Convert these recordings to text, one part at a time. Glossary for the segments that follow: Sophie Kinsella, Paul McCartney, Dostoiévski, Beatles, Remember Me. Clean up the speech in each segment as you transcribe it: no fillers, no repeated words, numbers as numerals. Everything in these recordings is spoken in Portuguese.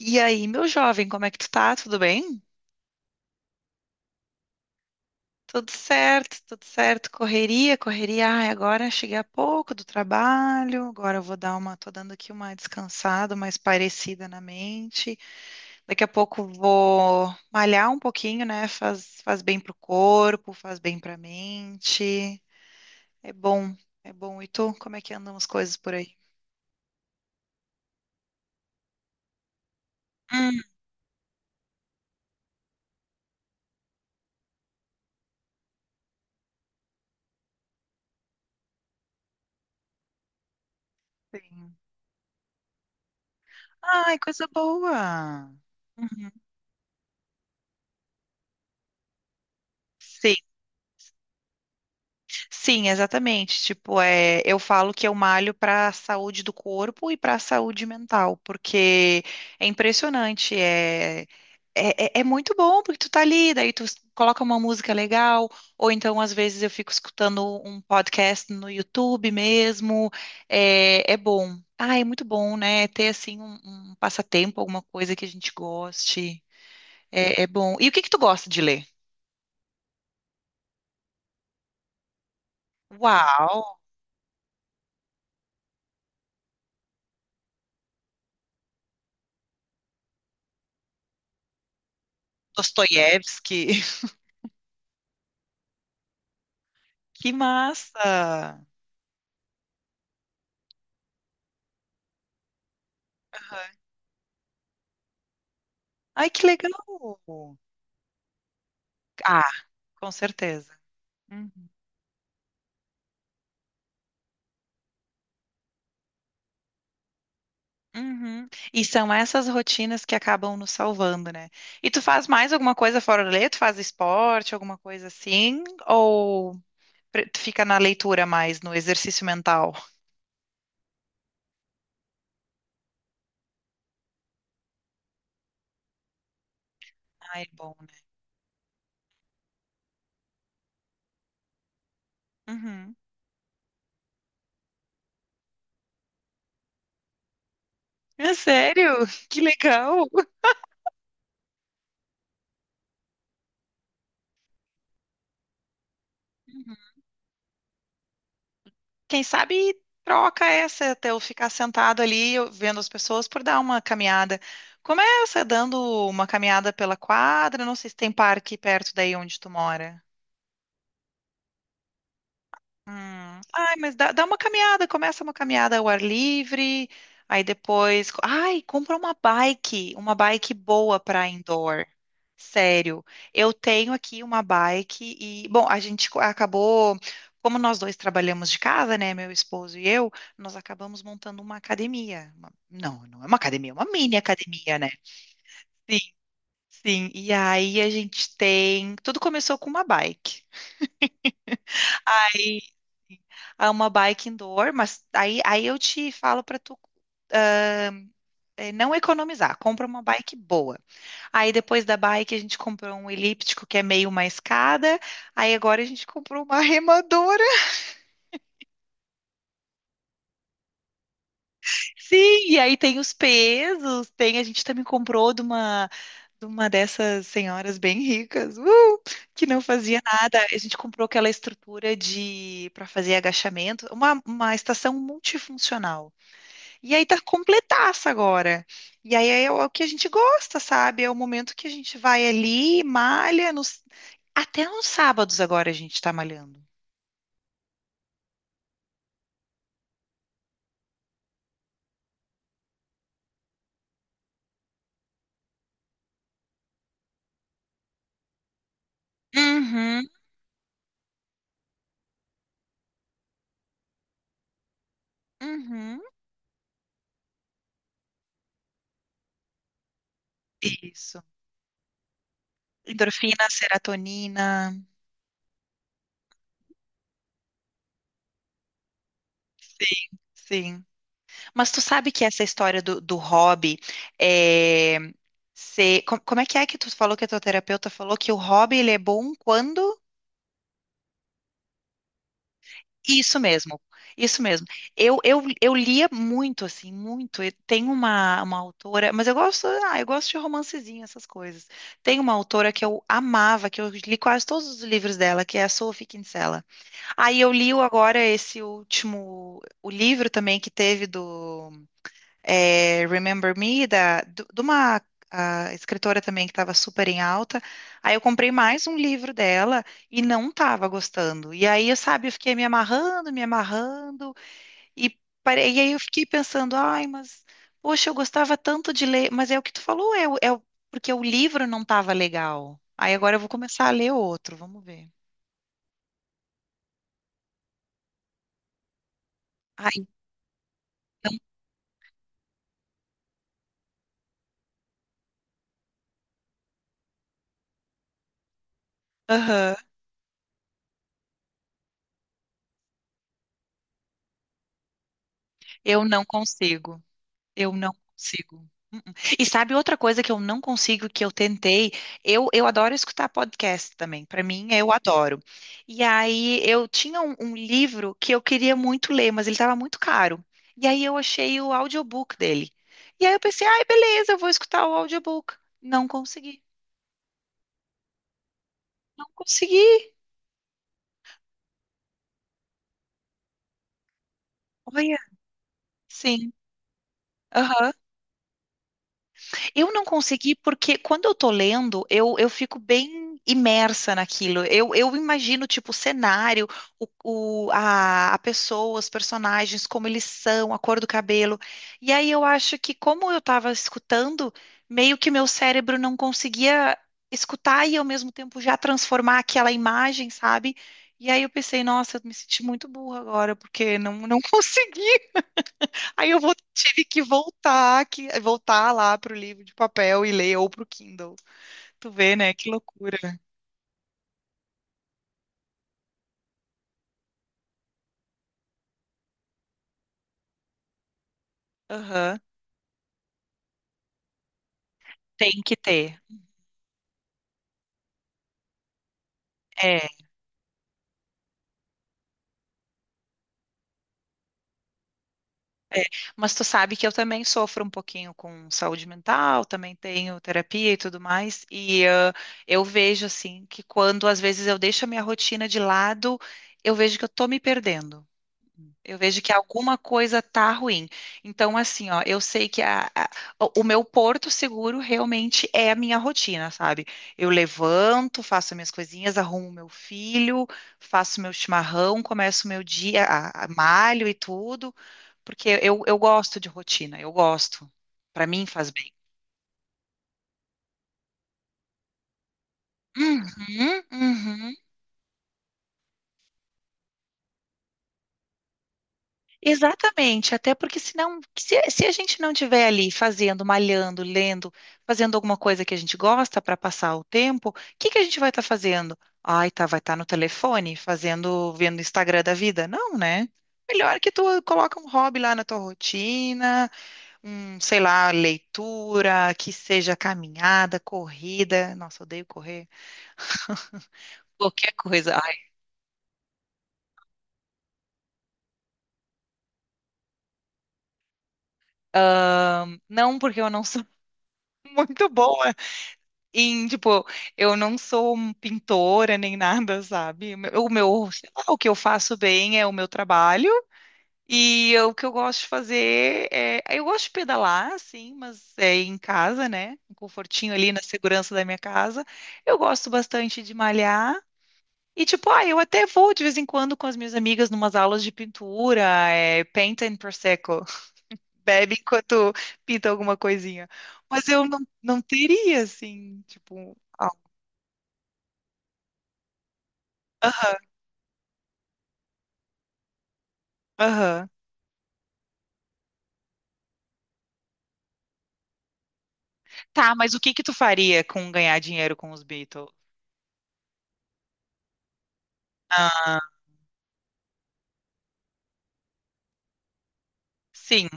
E aí, meu jovem, como é que tu tá? Tudo bem? Tudo certo. Correria. Ai, agora cheguei há pouco do trabalho. Agora eu vou dar uma, tô dando aqui uma descansada, mais parecida na mente. Daqui a pouco vou malhar um pouquinho, né? Faz bem pro corpo, faz bem pra mente. É bom, é bom. E tu, como é que andam as coisas por aí? Hum, sim. Ai, coisa boa. Uhum. Sim, sim, exatamente. Tipo, é, eu falo que eu malho para a saúde do corpo e para a saúde mental, porque é impressionante. É muito bom, porque tu tá ali, daí coloca uma música legal, ou então às vezes eu fico escutando um podcast no YouTube mesmo. É, é bom. Ah, é muito bom, né? Ter assim um passatempo, alguma coisa que a gente goste. É, é bom. E o que que tu gosta de ler? Uau! Dostoiévski. Que massa! Ai, que legal! Ah, com certeza. Uhum. Uhum. E são essas rotinas que acabam nos salvando, né? E tu faz mais alguma coisa fora da lei? Tu faz esporte, alguma coisa assim? Ou tu fica na leitura mais, no exercício mental? Ai, é bom, né? Uhum. É sério? Que legal! Quem sabe troca essa até eu ficar sentado ali vendo as pessoas por dar uma caminhada. Começa dando uma caminhada pela quadra, não sei se tem parque perto daí onde tu mora. Hum. Ai, mas dá uma caminhada, começa uma caminhada ao ar livre, aí depois, compra uma bike boa para indoor. Sério, eu tenho aqui uma bike e, bom, acabou, como nós dois trabalhamos de casa, né, meu esposo e eu, nós acabamos montando uma academia. Não, não é uma academia, é uma mini academia, né? Sim, sim. E aí a gente tem, tudo começou com uma bike. A uma bike indoor, mas aí eu te falo para tu não economizar, compra uma bike boa. Aí depois da bike a gente comprou um elíptico que é meio uma escada, aí agora a gente comprou uma remadora. Sim, e aí tem os pesos, tem, a gente também comprou de uma dessas senhoras bem ricas, que não fazia nada. A gente comprou aquela estrutura de para fazer agachamento, uma estação multifuncional. E aí tá completaça agora. E aí é o que a gente gosta, sabe? É o momento que a gente vai ali, malha, nos... até nos sábados agora a gente tá malhando. Uhum, uhum. Isso. Endorfina, serotonina. Sim. Mas tu sabe que essa história do hobby é... Como é que tu falou que a tua terapeuta falou que o hobby ele é bom quando? Isso mesmo, isso mesmo. Eu lia muito, assim, muito. E tem uma autora, mas eu gosto, ah, eu gosto de romancezinho, essas coisas. Tem uma autora que eu amava, que eu li quase todos os livros dela, que é a Sophie Kinsella. Aí agora esse último, o livro também que teve do é, Remember Me, de uma ah, escritora também que estava super em alta. Aí eu comprei mais um livro dela e não estava gostando. E aí, eu, sabe, eu fiquei me amarrando, e, parei, e aí eu fiquei pensando, ai, mas, poxa, eu gostava tanto de ler, mas é o que tu falou, porque o livro não estava legal. Aí agora eu vou começar a ler outro, vamos ver. Ai, aham, eu não consigo. Eu não consigo. Mm-mm. E sabe outra coisa que eu não consigo, que eu tentei? Eu adoro escutar podcast também. Para mim, eu adoro. E aí, eu tinha um livro que eu queria muito ler, mas ele estava muito caro. E aí, eu achei o audiobook dele. E aí, eu pensei, ai, beleza, eu vou escutar o audiobook. Não consegui. Não consegui. Olha, sim. Aham. Eu não consegui porque quando eu tô lendo, eu fico bem imersa naquilo. Eu imagino, tipo, o cenário, o, a pessoa, os personagens, como eles são, a cor do cabelo. E aí eu acho que, como eu tava escutando, meio que meu cérebro não conseguia escutar e ao mesmo tempo já transformar aquela imagem, sabe? E aí eu pensei, nossa, eu me senti muito burra agora, porque não consegui. Tive que, voltar lá pro livro de papel e ler, ou pro Kindle. Tu vê, né? Que loucura. Aham. Tem que ter. É, é. Mas tu sabe que eu também sofro um pouquinho com saúde mental, também tenho terapia e tudo mais. E ah, eu vejo, assim, que quando às vezes eu deixo a minha rotina de lado, eu vejo que eu tô me perdendo. Eu vejo que alguma coisa tá ruim. Então, assim, ó, eu sei que o meu porto seguro realmente é a minha rotina, sabe? Eu levanto, faço minhas coisinhas, arrumo meu filho, faço meu chimarrão, começo meu dia, malho e tudo, porque eu gosto de rotina, eu gosto. Pra mim faz bem. Uhum. Exatamente, até porque senão, se a gente não tiver ali fazendo, malhando, lendo, fazendo alguma coisa que a gente gosta para passar o tempo, o que que a gente vai estar fazendo? Ai, tá, vai estar no telefone, fazendo, vendo o Instagram da vida? Não, né? Melhor que tu coloca um hobby lá na tua rotina, um, sei lá, leitura, que seja caminhada, corrida. Nossa, odeio correr. Qualquer coisa. Ai, não, porque eu não sou muito boa. E, tipo, eu não sou um pintora nem nada, sabe? Sei lá, o que eu faço bem é o meu trabalho. O que eu gosto de fazer é. Eu gosto de pedalar, sim, mas é em casa, né? Um confortinho ali na segurança da minha casa. Eu gosto bastante de malhar. E, tipo, ah, eu até vou de vez em quando com as minhas amigas numas aulas de pintura, é, paint and prosecco. Bebe enquanto pinta alguma coisinha. Mas eu não, não teria, assim, tipo. Algo. Aham. Tá, mas o que que tu faria com ganhar dinheiro com os Beatles? Ah, sim,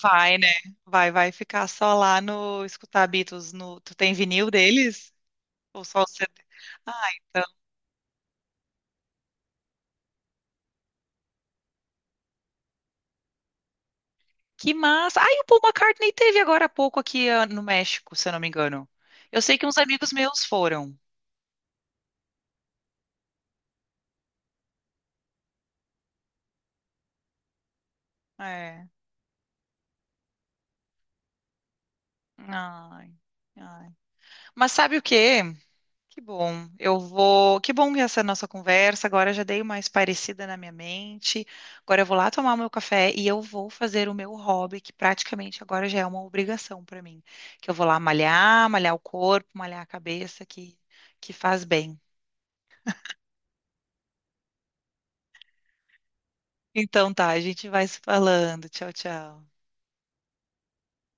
vai, né? Vai, vai ficar só lá no escutar Beatles no. Tu tem vinil deles? Ou só o CD? Ah, então. Que massa! Ai, o Paul McCartney teve agora há pouco aqui ah, no México, se eu não me engano. Eu sei que uns amigos meus foram. É. Ai, ai. Mas sabe o quê? Que bom. Eu vou. Que bom que essa é a nossa conversa. Agora eu já dei uma parecida na minha mente. Agora eu vou lá tomar o meu café e eu vou fazer o meu hobby, que praticamente agora já é uma obrigação para mim. Que eu vou lá malhar, malhar o corpo, malhar a cabeça, que faz bem. Então tá, a gente vai se falando. Tchau, tchau.